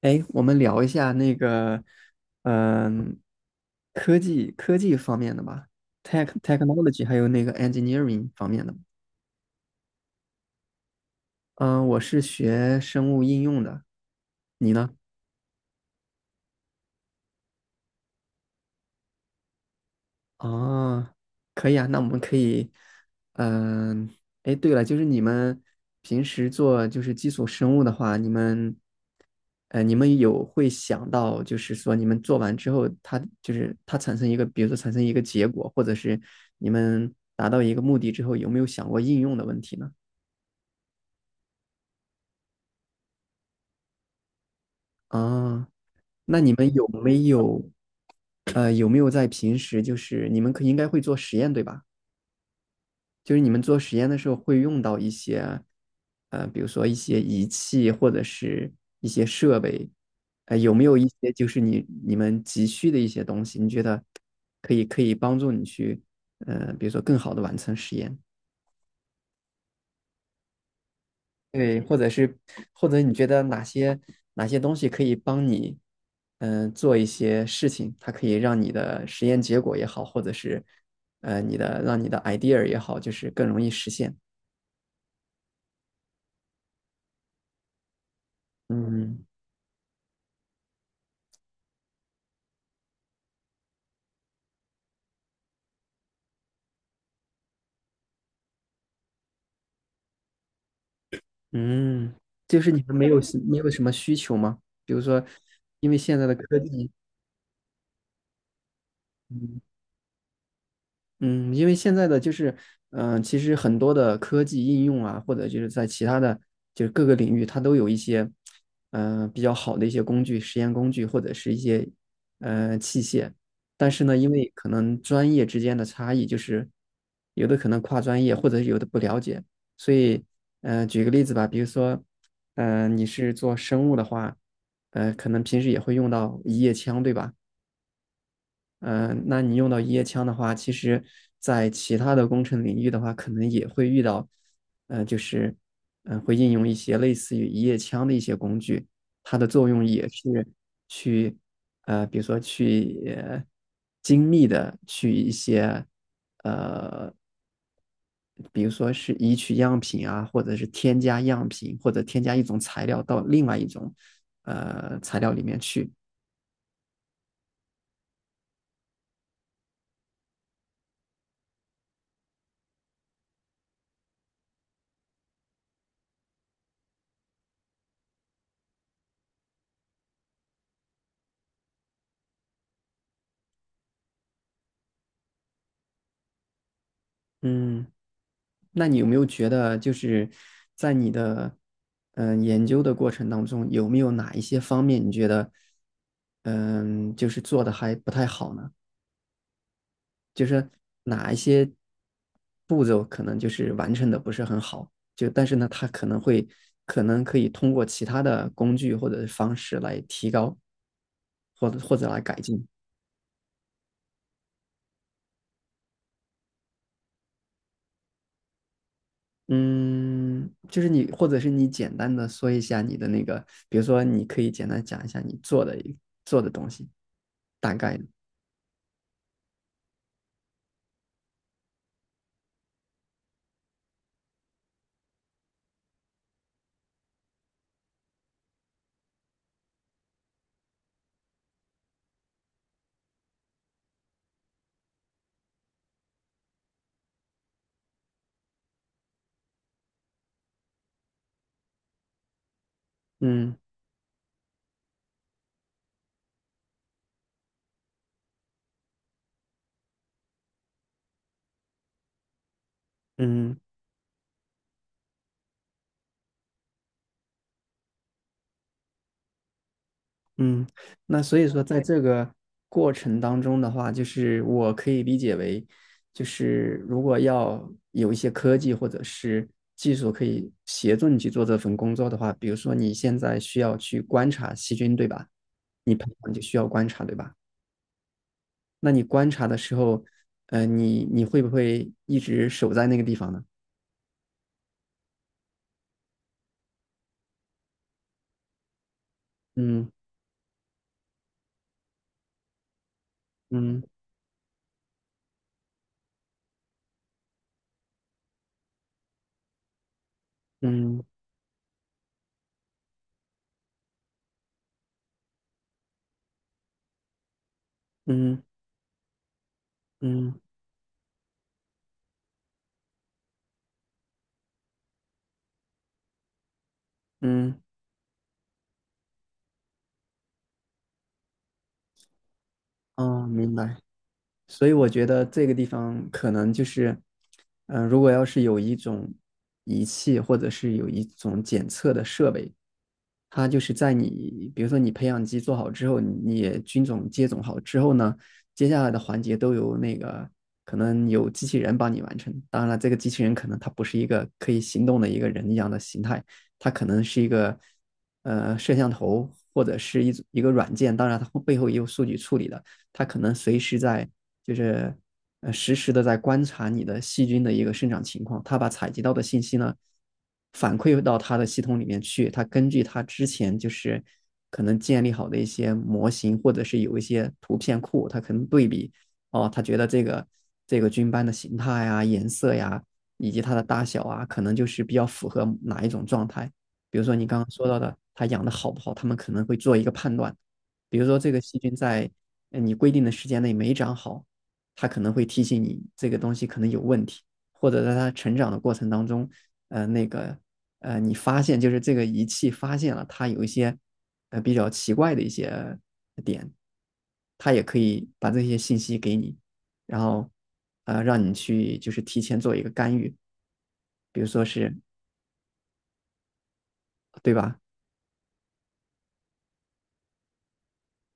哎，我们聊一下那个，嗯、科技方面的吧，technology，还有那个 engineering 方面的。嗯、我是学生物应用的，你呢？哦，可以啊，那我们可以，嗯、哎，对了，就是你们平时做就是基础生物的话，你们，你们有会想到，就是说你们做完之后，它就是它产生一个，比如说产生一个结果，或者是你们达到一个目的之后，有没有想过应用的问题呢？啊，那你们有没有在平时就是你们可应该会做实验对吧？就是你们做实验的时候会用到一些，比如说一些仪器或者是一些设备，有没有一些就是你们急需的一些东西？你觉得可以帮助你去，比如说更好的完成实验，对，或者你觉得哪些东西可以帮你，做一些事情，它可以让你的实验结果也好，或者是呃你的让你的 idea 也好，就是更容易实现，嗯。嗯，就是你们没有什么需求吗？比如说，因为现在的科技，嗯嗯，因为现在的就是，其实很多的科技应用啊，或者就是在其他的就是各个领域，它都有一些，比较好的一些工具、实验工具或者是一些，器械。但是呢，因为可能专业之间的差异，就是有的可能跨专业，或者是有的不了解，所以，嗯，举个例子吧，比如说，嗯，你是做生物的话，可能平时也会用到一叶枪，对吧？那你用到一叶枪的话，其实在其他的工程领域的话，可能也会遇到，呃，就是会应用一些类似于一叶枪的一些工具，它的作用也是去比如说去精密的去一些，呃，比如说是移取样品啊，或者是添加样品，或者添加一种材料到另外一种材料里面去，嗯。那你有没有觉得，就是在你的研究的过程当中，有没有哪一些方面你觉得就是做的还不太好呢？就是哪一些步骤可能就是完成的不是很好，但是呢，它可能可以通过其他的工具或者是方式来提高，或者来改进。嗯，就是你，或者是你简单的说一下你的那个，比如说你可以简单讲一下你做的做的东西，大概的，嗯嗯嗯。那所以说，在这个过程当中的话，就是我可以理解为，就是如果要有一些科技或者是技术可以协助你去做这份工作的话，比如说你现在需要去观察细菌，对吧？你培养就需要观察，对吧？那你观察的时候，你会不会一直守在那个地方呢？嗯嗯嗯嗯嗯嗯，哦，明白。所以我觉得这个地方可能就是，如果要是有一种仪器或者是有一种检测的设备，它就是在你，比如说你培养基做好之后，你也菌种接种好之后呢，接下来的环节都由那个可能有机器人帮你完成。当然了，这个机器人可能它不是一个可以行动的一个人一样的形态，它可能是一个摄像头或者是一个软件，当然它背后也有数据处理的，它可能随时在就是实时的在观察你的细菌的一个生长情况，它把采集到的信息呢反馈到它的系统里面去，它根据它之前就是可能建立好的一些模型，或者是有一些图片库，它可能对比。哦，它觉得这个菌斑的形态呀、颜色呀，以及它的大小啊，可能就是比较符合哪一种状态。比如说你刚刚说到的，它养的好不好，他们可能会做一个判断。比如说这个细菌在你规定的时间内没长好，他可能会提醒你这个东西可能有问题，或者在他成长的过程当中，呃，那个你发现就是这个仪器发现了它有一些比较奇怪的一些点，它也可以把这些信息给你，然后让你去就是提前做一个干预，比如说是，对吧？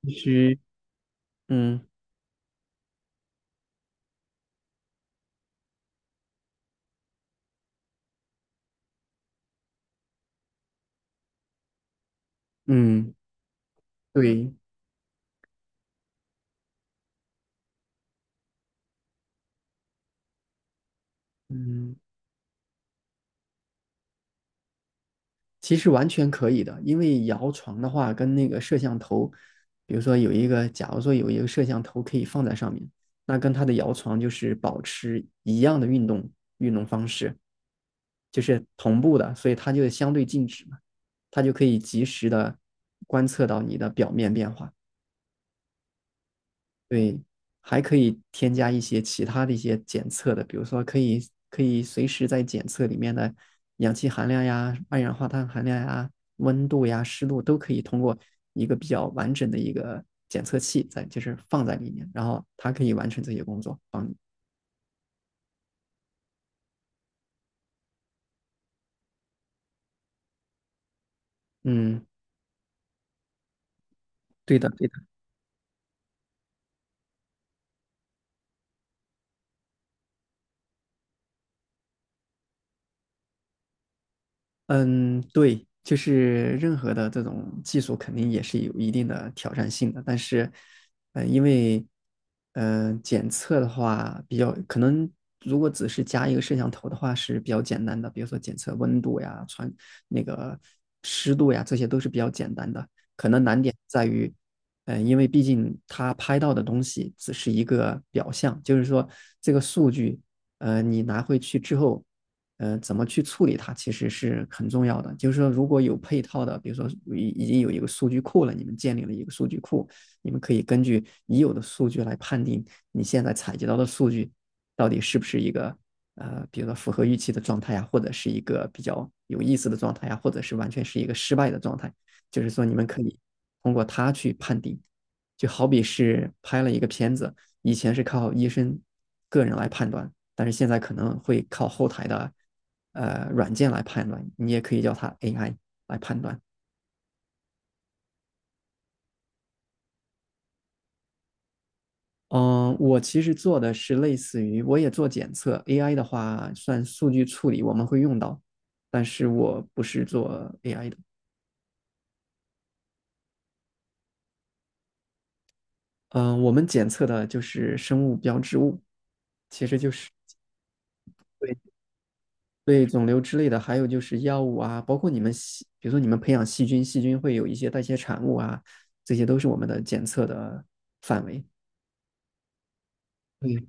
必须，嗯嗯，对，嗯。其实完全可以的，因为摇床的话，跟那个摄像头，比如说有一个，假如说有一个摄像头可以放在上面，那跟它的摇床就是保持一样的运动方式，就是同步的，所以它就相对静止嘛，它就可以及时的观测到你的表面变化。对，还可以添加一些其他的一些检测的，比如说可以随时在检测里面的氧气含量呀、二氧化碳含量呀、温度呀、湿度都可以通过一个比较完整的一个检测器在，就是放在里面，然后它可以完成这些工作，帮你。嗯，对的。嗯，对，就是任何的这种技术肯定也是有一定的挑战性的，但是，因为，检测的话比较可能，如果只是加一个摄像头的话是比较简单的，比如说检测温度呀、传那个湿度呀，这些都是比较简单的。可能难点在于，因为毕竟它拍到的东西只是一个表象，就是说这个数据，你拿回去之后，怎么去处理它，其实是很重要的。就是说，如果有配套的，比如说已经有一个数据库了，你们建立了一个数据库，你们可以根据已有的数据来判定你现在采集到的数据到底是不是一个比如说符合预期的状态呀，或者是一个比较有意思的状态呀，或者是完全是一个失败的状态。就是说，你们可以通过它去判定，就好比是拍了一个片子，以前是靠医生个人来判断，但是现在可能会靠后台的软件来判断，你也可以叫它 AI 来判断。嗯，我其实做的是类似于，我也做检测，AI 的话算数据处理，我们会用到，但是我不是做 AI 的。嗯，我们检测的就是生物标志物，其实就是对，对肿瘤之类的，还有就是药物啊，包括你们比如说你们培养细菌，细菌会有一些代谢产物啊，这些都是我们的检测的范围。对，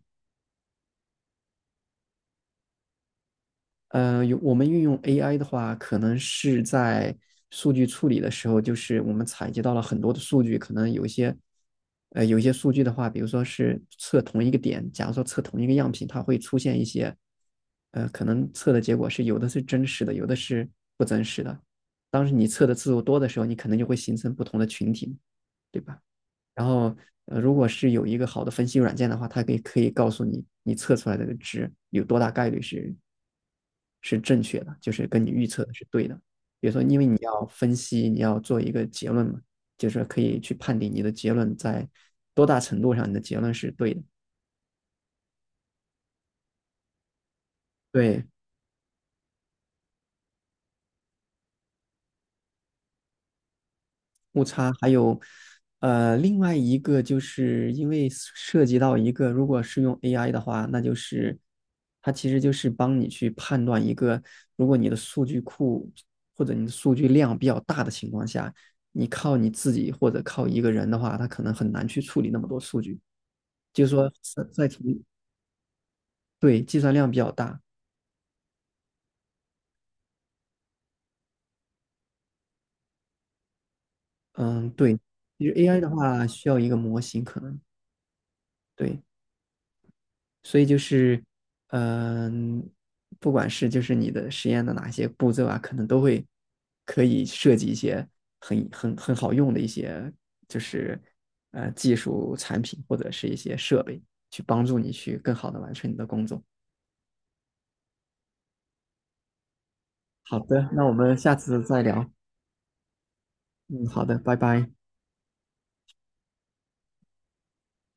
我们运用 AI 的话，可能是在数据处理的时候，就是我们采集到了很多的数据，可能有一些，呃，有一些数据的话，比如说是测同一个点，假如说测同一个样品，它会出现一些，可能测的结果是有的是真实的，有的是不真实的。当时你测的次数多的时候，你可能就会形成不同的群体，对吧？然后，如果是有一个好的分析软件的话，它可以告诉你，你测出来的值有多大概率是正确的，就是跟你预测的是对的。比如说，因为你要分析，你要做一个结论嘛，就是可以去判定你的结论在多大程度上你的结论是对的。对，误差，还有另外一个就是因为涉及到一个，如果是用 AI 的话，那就是它其实就是帮你去判断一个，如果你的数据库或者你的数据量比较大的情况下，你靠你自己或者靠一个人的话，他可能很难去处理那么多数据，就是说在在提对，计算量比较大，嗯，对，其实 AI 的话需要一个模型可能。对。所以就是，嗯、不管是就是你的实验的哪些步骤啊，可能可以设计一些很好用的一些就是技术产品或者是一些设备，去帮助你去更好的完成你的工作。好的，那我们下次再聊。嗯，好的，拜拜。